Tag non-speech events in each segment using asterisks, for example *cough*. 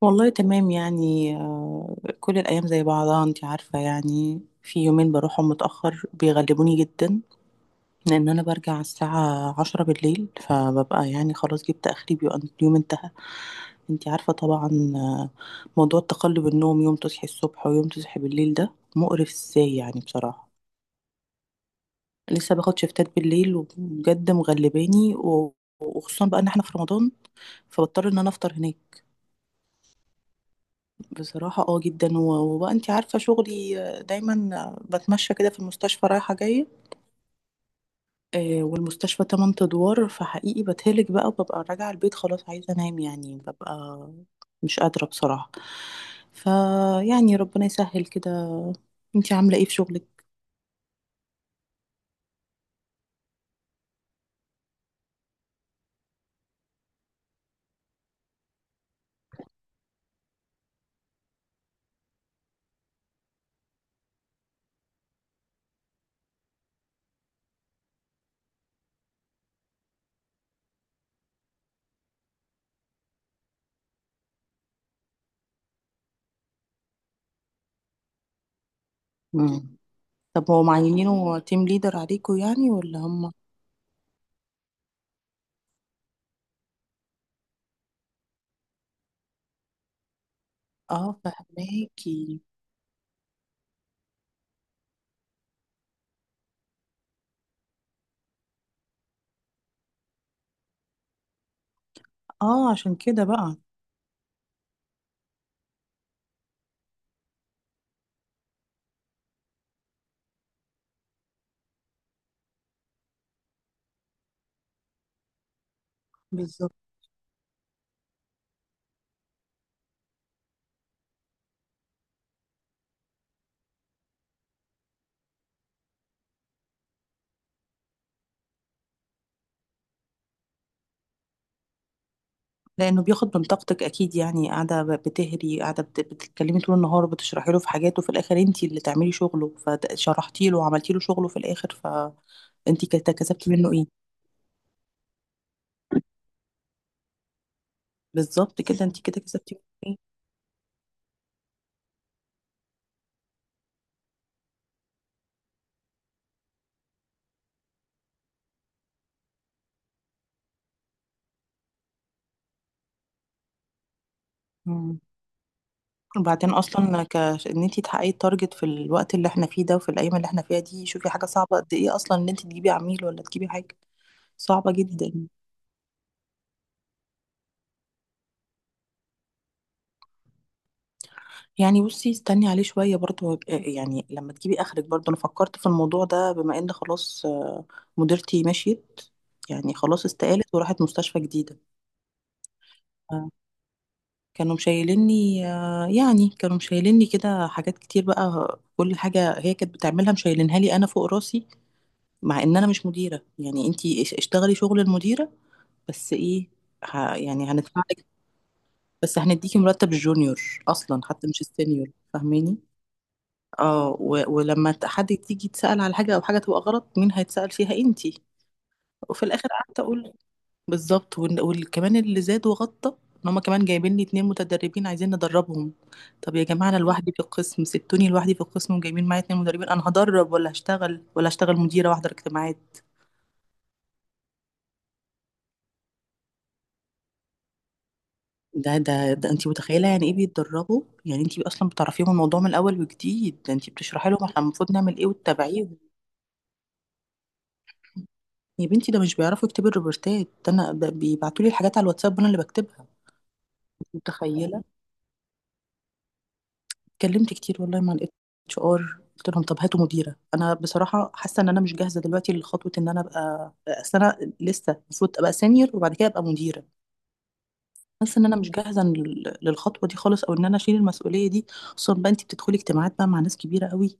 والله تمام يعني كل الأيام زي بعضها، انت عارفة. يعني في يومين بروحهم متأخر بيغلبوني جدا، لأن أنا برجع على الساعة 10 بالليل، فببقى يعني خلاص جبت آخري، بيبقى اليوم انتهى. انت عارفة طبعا. آه، موضوع تقلب النوم، يوم تصحي الصبح ويوم تصحي بالليل، ده مقرف ازاي يعني بصراحة. لسه باخد شفتات بالليل وبجد مغلباني وخصوصا بقى ان احنا في رمضان، فبضطر ان انا افطر هناك. بصراحة اه جدا، وبقى انت عارفة شغلي دايما بتمشى كده في المستشفى رايحة جاية. والمستشفى 8 ادوار، فحقيقي بتهلك بقى، وببقى راجعة البيت خلاص عايزة انام، يعني ببقى مش قادرة بصراحة. فيعني ربنا يسهل كده. انت عاملة ايه في شغلك؟ مم. طب هو معينينه تيم ليدر عليكوا يعني، ولا هم؟ اه فهماكي. اه عشان كده بقى. لانه بياخد من طاقتك اكيد، يعني قاعده بتهري، قاعده بتتكلمي طول النهار، بتشرحي له في حاجات، وفي الاخر انتي اللي تعملي شغله، فشرحتي له وعملتي له شغله في الاخر. فانتي كسبتي منه ايه؟ بالظبط، كده انتي كده كسبتي منه ايه؟ مم. وبعدين اصلا ان انتي تحققي التارجت في الوقت اللي احنا فيه ده، وفي الايام اللي احنا فيها دي، شوفي حاجه صعبه قد ايه اصلا، ان انتي تجيبي عميل ولا تجيبي حاجه. صعبه جدا يعني. بصي استني عليه شوية برضو، يعني لما تجيبي آخرك برضو، أنا فكرت في الموضوع ده، بما إن خلاص مديرتي مشيت، يعني خلاص استقالت وراحت مستشفى جديدة. آه، كانوا مشايليني، يعني كانوا مشايليني كده حاجات كتير بقى، كل حاجة هي كانت بتعملها مشايلينها لي أنا فوق راسي، مع إن أنا مش مديرة. يعني أنتي اشتغلي شغل المديرة، بس إيه؟ يعني هندفعلك. بس هنديكي مرتب الجونيور. أصلا حتى مش السينيور فاهماني. اه ولما حد تيجي تسأل على حاجة، أو حاجة تبقى غلط، مين هيتسأل فيها؟ انتي. وفي الآخر قعدت أقول: بالظبط. وكمان اللي زاد وغطى، إن هما كمان جايبين لي 2 متدربين عايزين ندربهم. طب يا جماعة، أنا لوحدي في القسم، سبتوني لوحدي في القسم وجايبين معايا 2 مدربين. أنا هدرب ولا هشتغل؟ ولا هشتغل مديرة واحضر اجتماعات؟ ده انتي متخيلة يعني ايه بيتدربوا؟ يعني انتي اصلا بتعرفيهم الموضوع من الاول، وجديد ده، انتي بتشرحي لهم احنا المفروض نعمل ايه وتتابعيهم. يا بنتي ده مش بيعرفوا يكتبوا الروبورتات، ده انا ده بيبعتوا لي الحاجات على الواتساب وانا اللي بكتبها. أنت متخيله! اتكلمت كتير والله مع الـ HR، قلت لهم طب هاتوا مديره، انا بصراحه حاسه ان انا مش جاهزه دلوقتي لخطوه ان انا ابقى. اصل انا لسه المفروض ابقى سينيور، وبعد كده ابقى مديره. حاسه ان انا مش جاهزه للخطوه دي خالص، او ان انا اشيل المسؤوليه دي، خصوصا بقى انت بتدخلي اجتماعات بقى مع ناس كبيره قوي،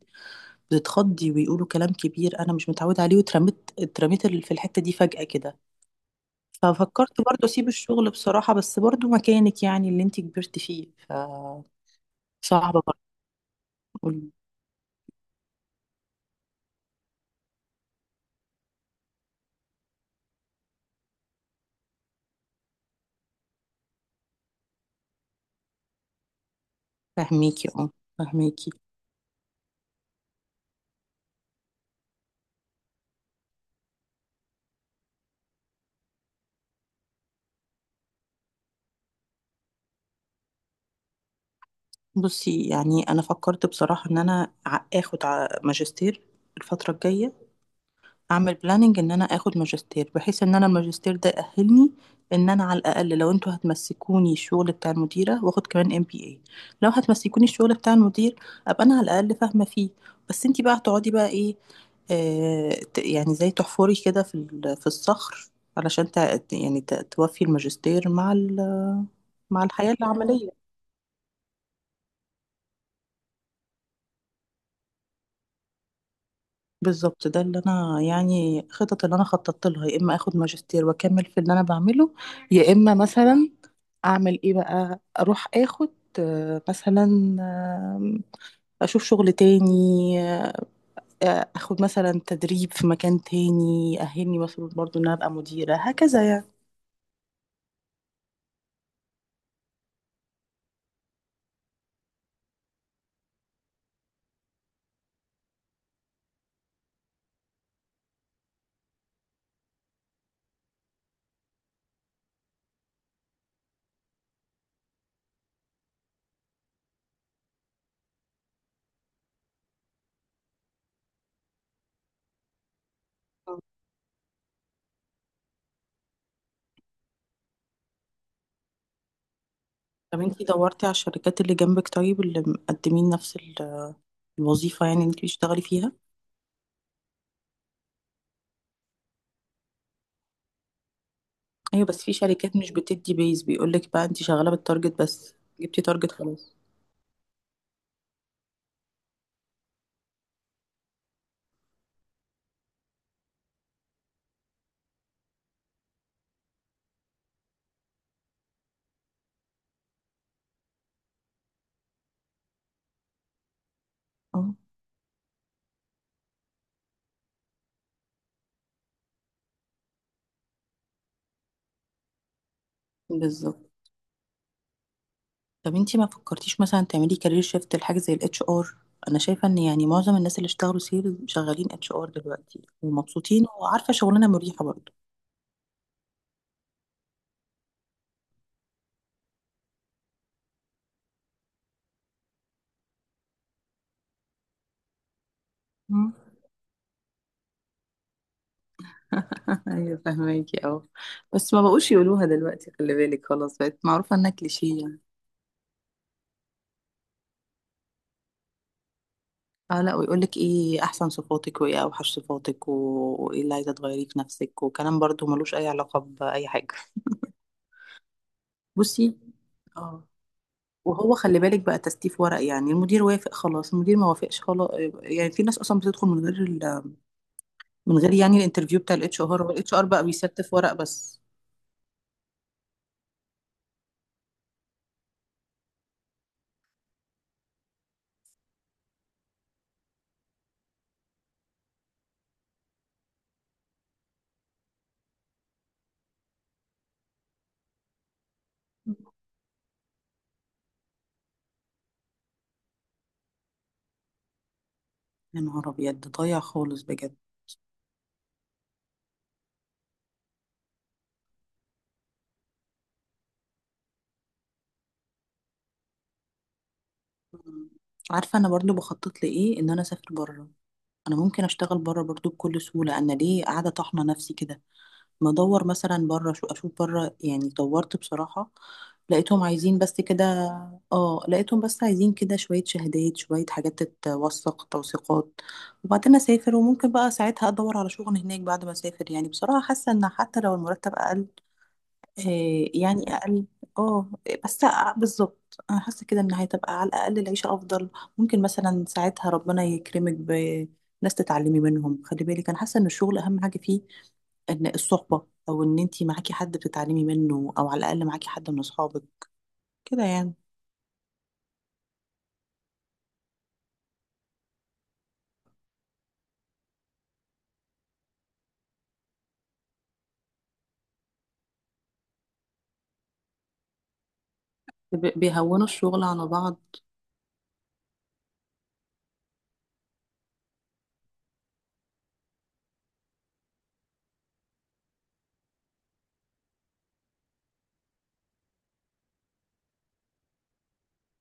بتتخضي ويقولوا كلام كبير انا مش متعوده عليه، واترميت اترميت في الحته دي فجاه كده. ففكرت برضو اسيب الشغل بصراحة، بس برضو مكانك، يعني اللي انت كبرت فيه، ف صعبة. برضو فهميكي اه فهميكي. بصي يعني انا فكرت بصراحة ان انا اخد ماجستير الفترة الجاية، اعمل بلاننج ان انا اخد ماجستير، بحيث ان انا الماجستير ده يأهلني ان انا على الاقل، لو انتوا هتمسكوني الشغل بتاع المديره، واخد كمان MBA. لو هتمسكوني الشغل بتاع المدير، ابقى انا على الاقل فاهمه فيه. بس انتي بقى هتقعدي بقى ايه؟ يعني زي تحفري كده في في الصخر، علشان يعني توفي الماجستير مع مع الحياه العمليه. بالظبط ده اللي انا يعني خطط اللي انا خططت لها، يا اما اخد ماجستير واكمل في اللي انا بعمله، يا اما مثلا اعمل ايه بقى؟ اروح اخد مثلا آه، اشوف شغل تاني، اخد مثلا تدريب في مكان تاني اهلني مثلا برضو ان انا ابقى مديرة هكذا يعني. طب انتي دورتي على الشركات اللي جنبك؟ طيب اللي مقدمين نفس الوظيفة، يعني اللي انتي بتشتغلي فيها. ايوه، بس في شركات مش بتدي بيز، بيقولك بقى انتي شغالة بالتارجت، بس جبتي تارجت خلاص. اه بالظبط. طب انتي ما فكرتيش مثلا تعملي كارير شيفت لحاجه زي الـ HR؟ انا شايفه ان يعني معظم الناس اللي اشتغلوا سيل شغالين HR دلوقتي ومبسوطين، وعارفه شغلانه مريحه برضه. مم. *laughs* ايوه فهماكي اه. بس ما بقوش يقولوها دلوقتي، خلي بالك، خلاص بقت معروفه انها كليشيه يعني. اه لا، ويقولك ايه احسن صفاتك، وايه اوحش صفاتك، وايه اللي عايزه تغيريه في نفسك، وكلام برضو ملوش اي علاقه باي حاجه. بصي اه، وهو خلي بالك بقى تستيف ورق، يعني المدير وافق خلاص، المدير ما وافقش خلاص. يعني في ناس اصلا بتدخل من غير يعني الانترفيو بتاع الـ HR، والـ HR بقى بيستف ورق بس. يا نهار ابيض، ده ضايع خالص بجد. مم. عارفه انا برضو بخطط لايه؟ ان انا اسافر بره. انا ممكن اشتغل بره برضو بكل سهوله، انا ليه قاعده طاحنه نفسي كده؟ بدور مثلا بره، شو اشوف بره يعني، دورت بصراحة لقيتهم عايزين بس كده. اه لقيتهم بس عايزين كده شوية شهادات، شوية حاجات تتوثق، توثيقات. وبعدين اسافر، وممكن بقى ساعتها ادور على شغل هناك بعد ما اسافر. يعني بصراحة حاسة ان حتى لو المرتب اقل، إيه يعني اقل؟ اه بس. بالظبط انا حاسه كده ان هتبقى على الاقل العيشه افضل. ممكن مثلا ساعتها ربنا يكرمك بناس تتعلمي منهم، خلي بالك. انا حاسه ان الشغل اهم حاجه فيه، ان الصحبه، او ان انتي معاكي حد بتتعلمي منه، او على الاقل معاكي حد من اصحابك كده يعني. بيهونوا الشغل على بعض.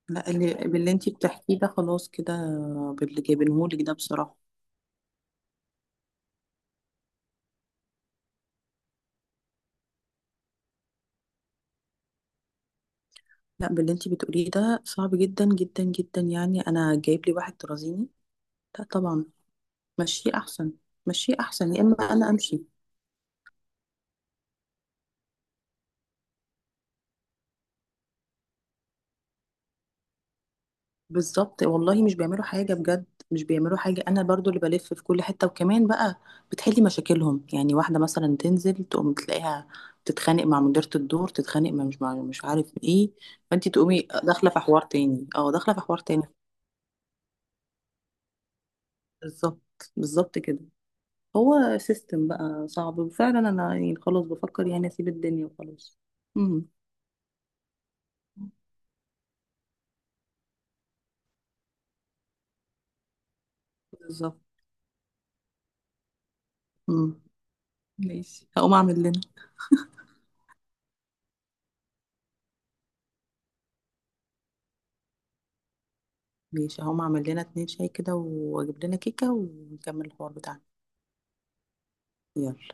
لا باللي انتي بتحكيه ده خلاص كده، باللي جايبينهولك ده بصراحه. لا باللي انتي بتقوليه ده صعب جدا جدا جدا، يعني انا جايب لي واحد ترازيني؟ لا طبعا. مشيه احسن، مشيه احسن، يا اما انا امشي. بالظبط والله، مش بيعملوا حاجه بجد، مش بيعملوا حاجه. انا برضو اللي بلف في كل حته، وكمان بقى بتحلي مشاكلهم، يعني واحده مثلا تنزل تقوم تلاقيها تتخانق مع مديره الدور، تتخانق مع مش عارف ايه، فانت تقومي داخله في حوار تاني، داخله في حوار تاني. بالظبط، بالظبط كده. هو سيستم بقى صعب، وفعلا انا يعني خلاص بفكر يعني اسيب الدنيا وخلاص. امم بالظبط. امم ماشي هقوم اعمل لنا ماشي هقوم اعمل لنا 2 شاي كده، واجيب لنا كيكة، ونكمل الحوار بتاعنا. يلا.